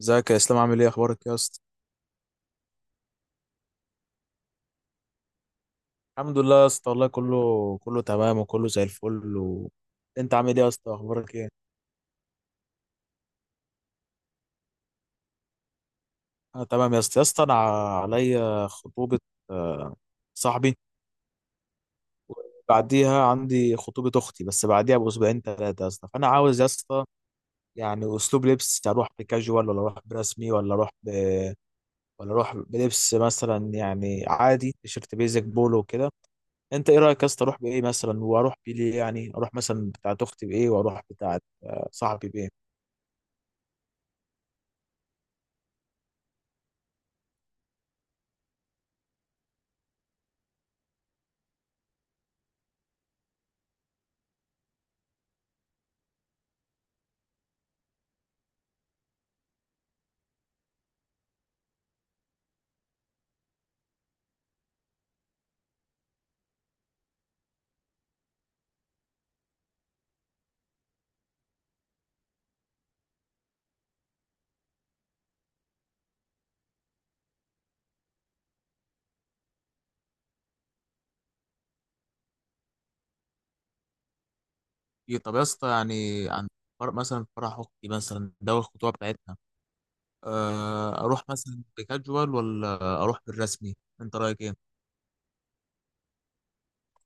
ازيك يا اسلام، عامل ايه؟ اخبارك يا اسطى؟ الحمد لله يا اسطى، والله كله كله تمام وكله زي الفل انت عامل ايه يا اسطى؟ اخبارك ايه؟ انا تمام يا اسطى، يا اسطى انا عليا خطوبه. آه، صاحبي. بعديها عندي خطوبه اختي، بس بعديها باسبوعين ثلاثه يا اسطى. فانا عاوز يا اسطى يعني اسلوب لبس، اروح بكاجوال ولا اروح برسمي ولا اروح ولا اروح بلبس مثلا يعني عادي تيشيرت بيزك بولو وكده. انت ايه رايك يا اسطى؟ اروح بايه مثلا؟ واروح بيه ليه؟ يعني اروح مثلا بتاعه اختي بايه؟ واروح بتاعه صاحبي بايه؟ إيه، طب يا اسطى يعني عن مثلا فرح اختي مثلا، ده الخطوبه بتاعتنا. اروح مثلا بكاجوال ولا اروح بالرسمي؟ انت رايك ايه؟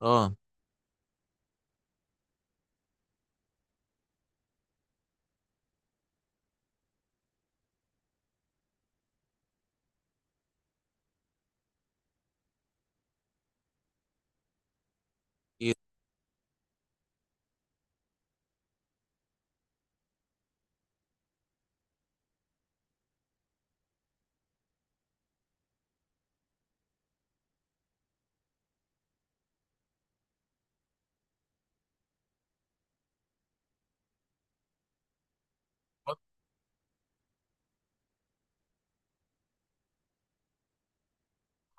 اه. ايه؟ بط-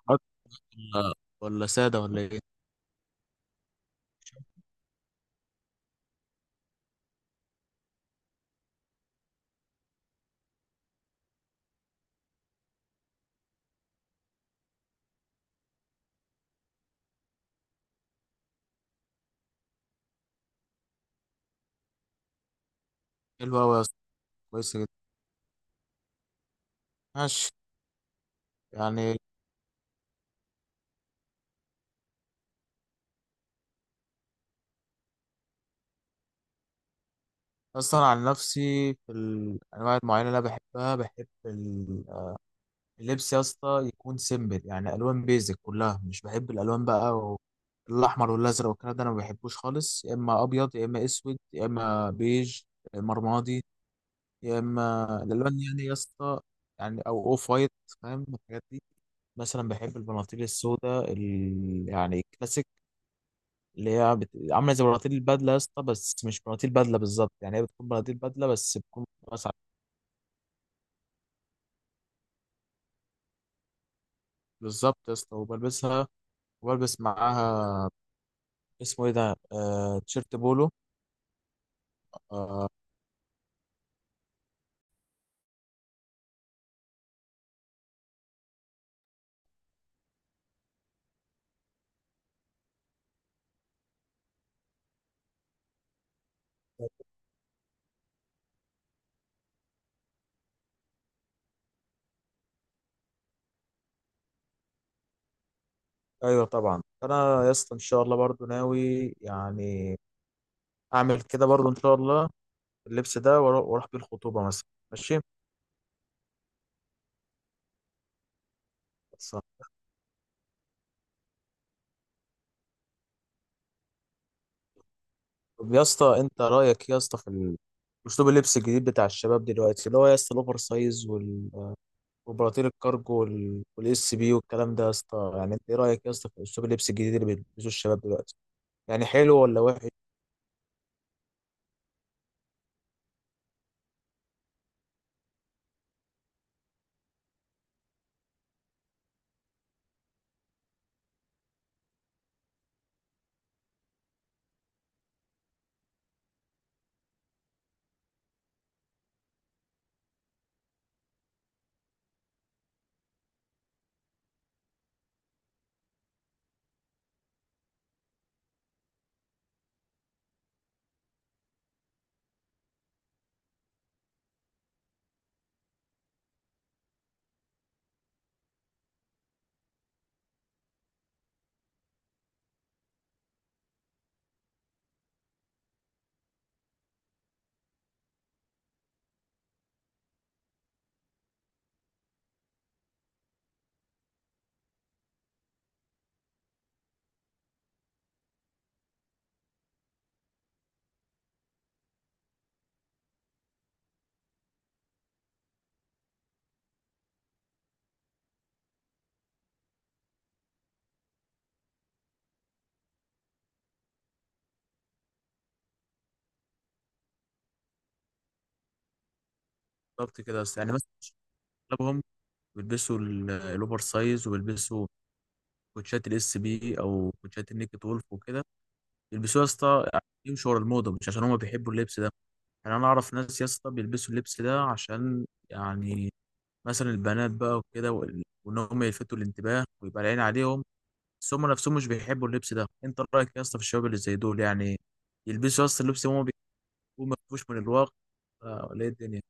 بط- ولا، ولا ساده ولا ايه؟ حلو قوي يا اسطى، كويسه جدا. ماشي. يعني اصلا عن نفسي في الانواع المعينه اللي انا بحب اللبس يا اسطى يكون سيمبل، يعني الوان بيزك كلها، مش بحب الالوان بقى الاحمر والازرق والكلام ده انا ما بحبوش خالص، يا اما ابيض يا اما اسود يا اما بيج يا اما رمادي يا اما الالوان يعني يا اسطى، يعني او اوف وايت، فاهم الحاجات دي. مثلا بحب البناطيل السوداء يعني الكلاسيك، اللي هي عامله زي بناطيل البدله يا اسطى، بس مش بناطيل بدله بالظبط. يعني هي بتكون بناطيل بدله بس بتكون واسعه. بالظبط يا اسطى، وبلبسها وبلبس معاها، اسمه ايه ده، آه، تيشيرت بولو. آه، ايوه طبعا انا يا اسطى ان شاء الله برضو ناوي يعني اعمل كده برضو ان شاء الله، اللبس ده واروح بيه الخطوبه مثلا. ماشي. خلصان. طب يا اسطى، انت رايك يا اسطى في اسلوب اللبس الجديد بتاع الشباب دلوقتي، اللي هو يا اسطى الاوفر سايز وبراطيل الكارجو والاس بي والكلام ده يا اسطى؟ يعني انت ايه رايك يا اسطى في اسلوب اللبس الجديد اللي بيلبسوه الشباب دلوقتي؟ يعني حلو ولا وحش؟ بالظبط كده يا اسطى، يعني مثلا اغلبهم بيلبسوا الاوفر سايز، وبيلبسوا كوتشات الاس بي او كوتشات النيكد وولف وكده. بيلبسوه يا اسطى عشان يمشوا ورا الموضه، مش عشان هما بيحبوا اللبس ده. يعني انا اعرف ناس يا اسطى بيلبسوا اللبس ده عشان يعني مثلا البنات بقى وكده، وان هم يلفتوا الانتباه ويبقى العين عليهم. بس هم نفسهم مش بيحبوا اللبس ده. انت رايك يا اسطى في الشباب اللي زي دول؟ يعني يلبسوا يا اسطى اللبس اللي هم بيحبوه، ما يخافوش من الواقع. ولا ايه الدنيا؟ ان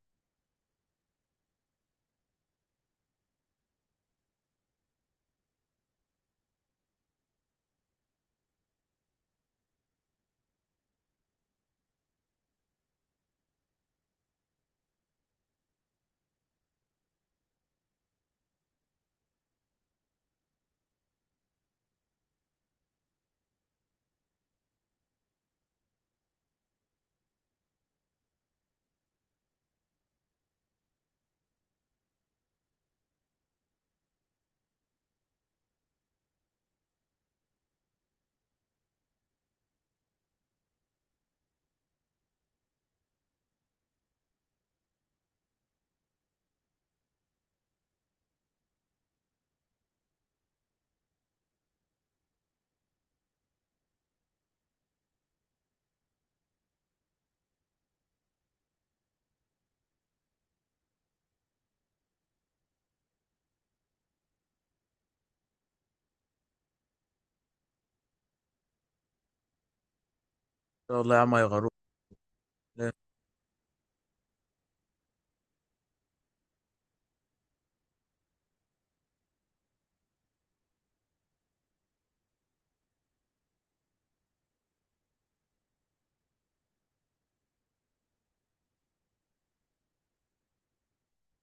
شاء الله يا عم هيغيروك.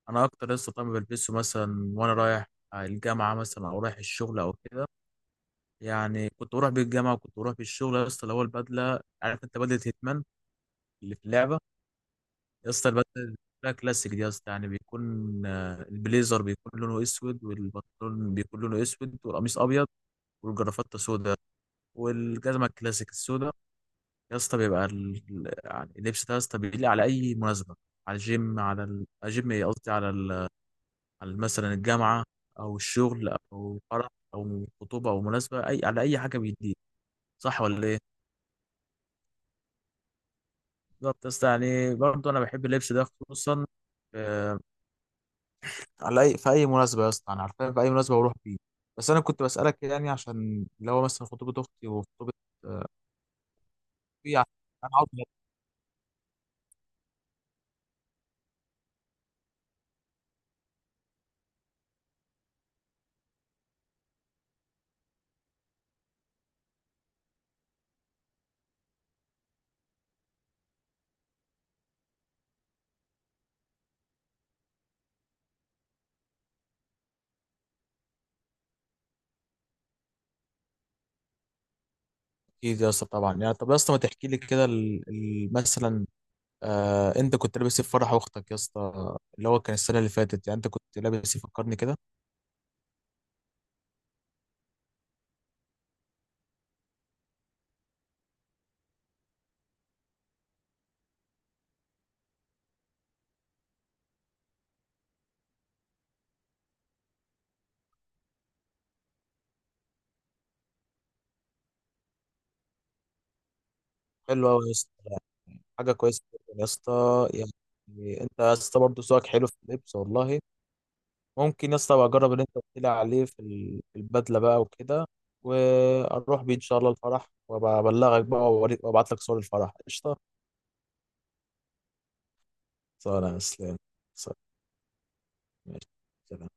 انا اكتر لسه طبعا بلبسه، مثلا وانا رايح الجامعه مثلا او رايح الشغل او كده. يعني كنت بروح بيه الجامعه وكنت بروح بيه الشغل يا اسطى، اللي هو البدله. عارف انت بدله هيتمان اللي في اللعبه؟ يا اسطى البدله بقى كلاسيك دي يا اسطى، يعني بيكون البليزر بيكون لونه اسود، والبنطلون بيكون لونه اسود، والقميص ابيض، والجرافته سودا، والجزمه الكلاسيك السودا يا اسطى. بيبقى يعني اللبس ده يا اسطى بيليق على اي مناسبه، على الجيم، على الجيم ايه، قصدي على على مثلا الجامعه او الشغل او فرح او خطوبه او مناسبه اي، على اي حاجه بيليق. صح ولا ايه؟ بالظبط يا اسطى، يعني برضه انا بحب اللبس ده خصوصا آه، على اي، في اي مناسبه يا اسطى، انا عارفين في اي مناسبه بروح فيه. بس انا كنت بسالك يعني عشان اللي هو مثلا خطوبه اختي وخطوبه اخوي، عشان انا عاوز. اكيد يا اسطى طبعا، يعني طب يا اسطى ما تحكي لي كده مثلا، انت كنت لابس ايه في فرح اختك يا اسطى، اللي هو كان السنه اللي فاتت؟ يعني انت كنت لابس ايه؟ فكرني كده. حلو قوي يا اسطى، حاجه كويسه جداً يا اسطى يعني. انت يا اسطى برضه ذوقك حلو في اللبس، والله. ممكن يا اسطى ابقى اجرب اللي انت قلت لي عليه في في البدله بقى وكده، واروح بيه ان شاء الله الفرح، وابلغك بقى، وابعت لك صور الفرح. قشطه. سلام يا اسلام. سلام. ماشي. سلام.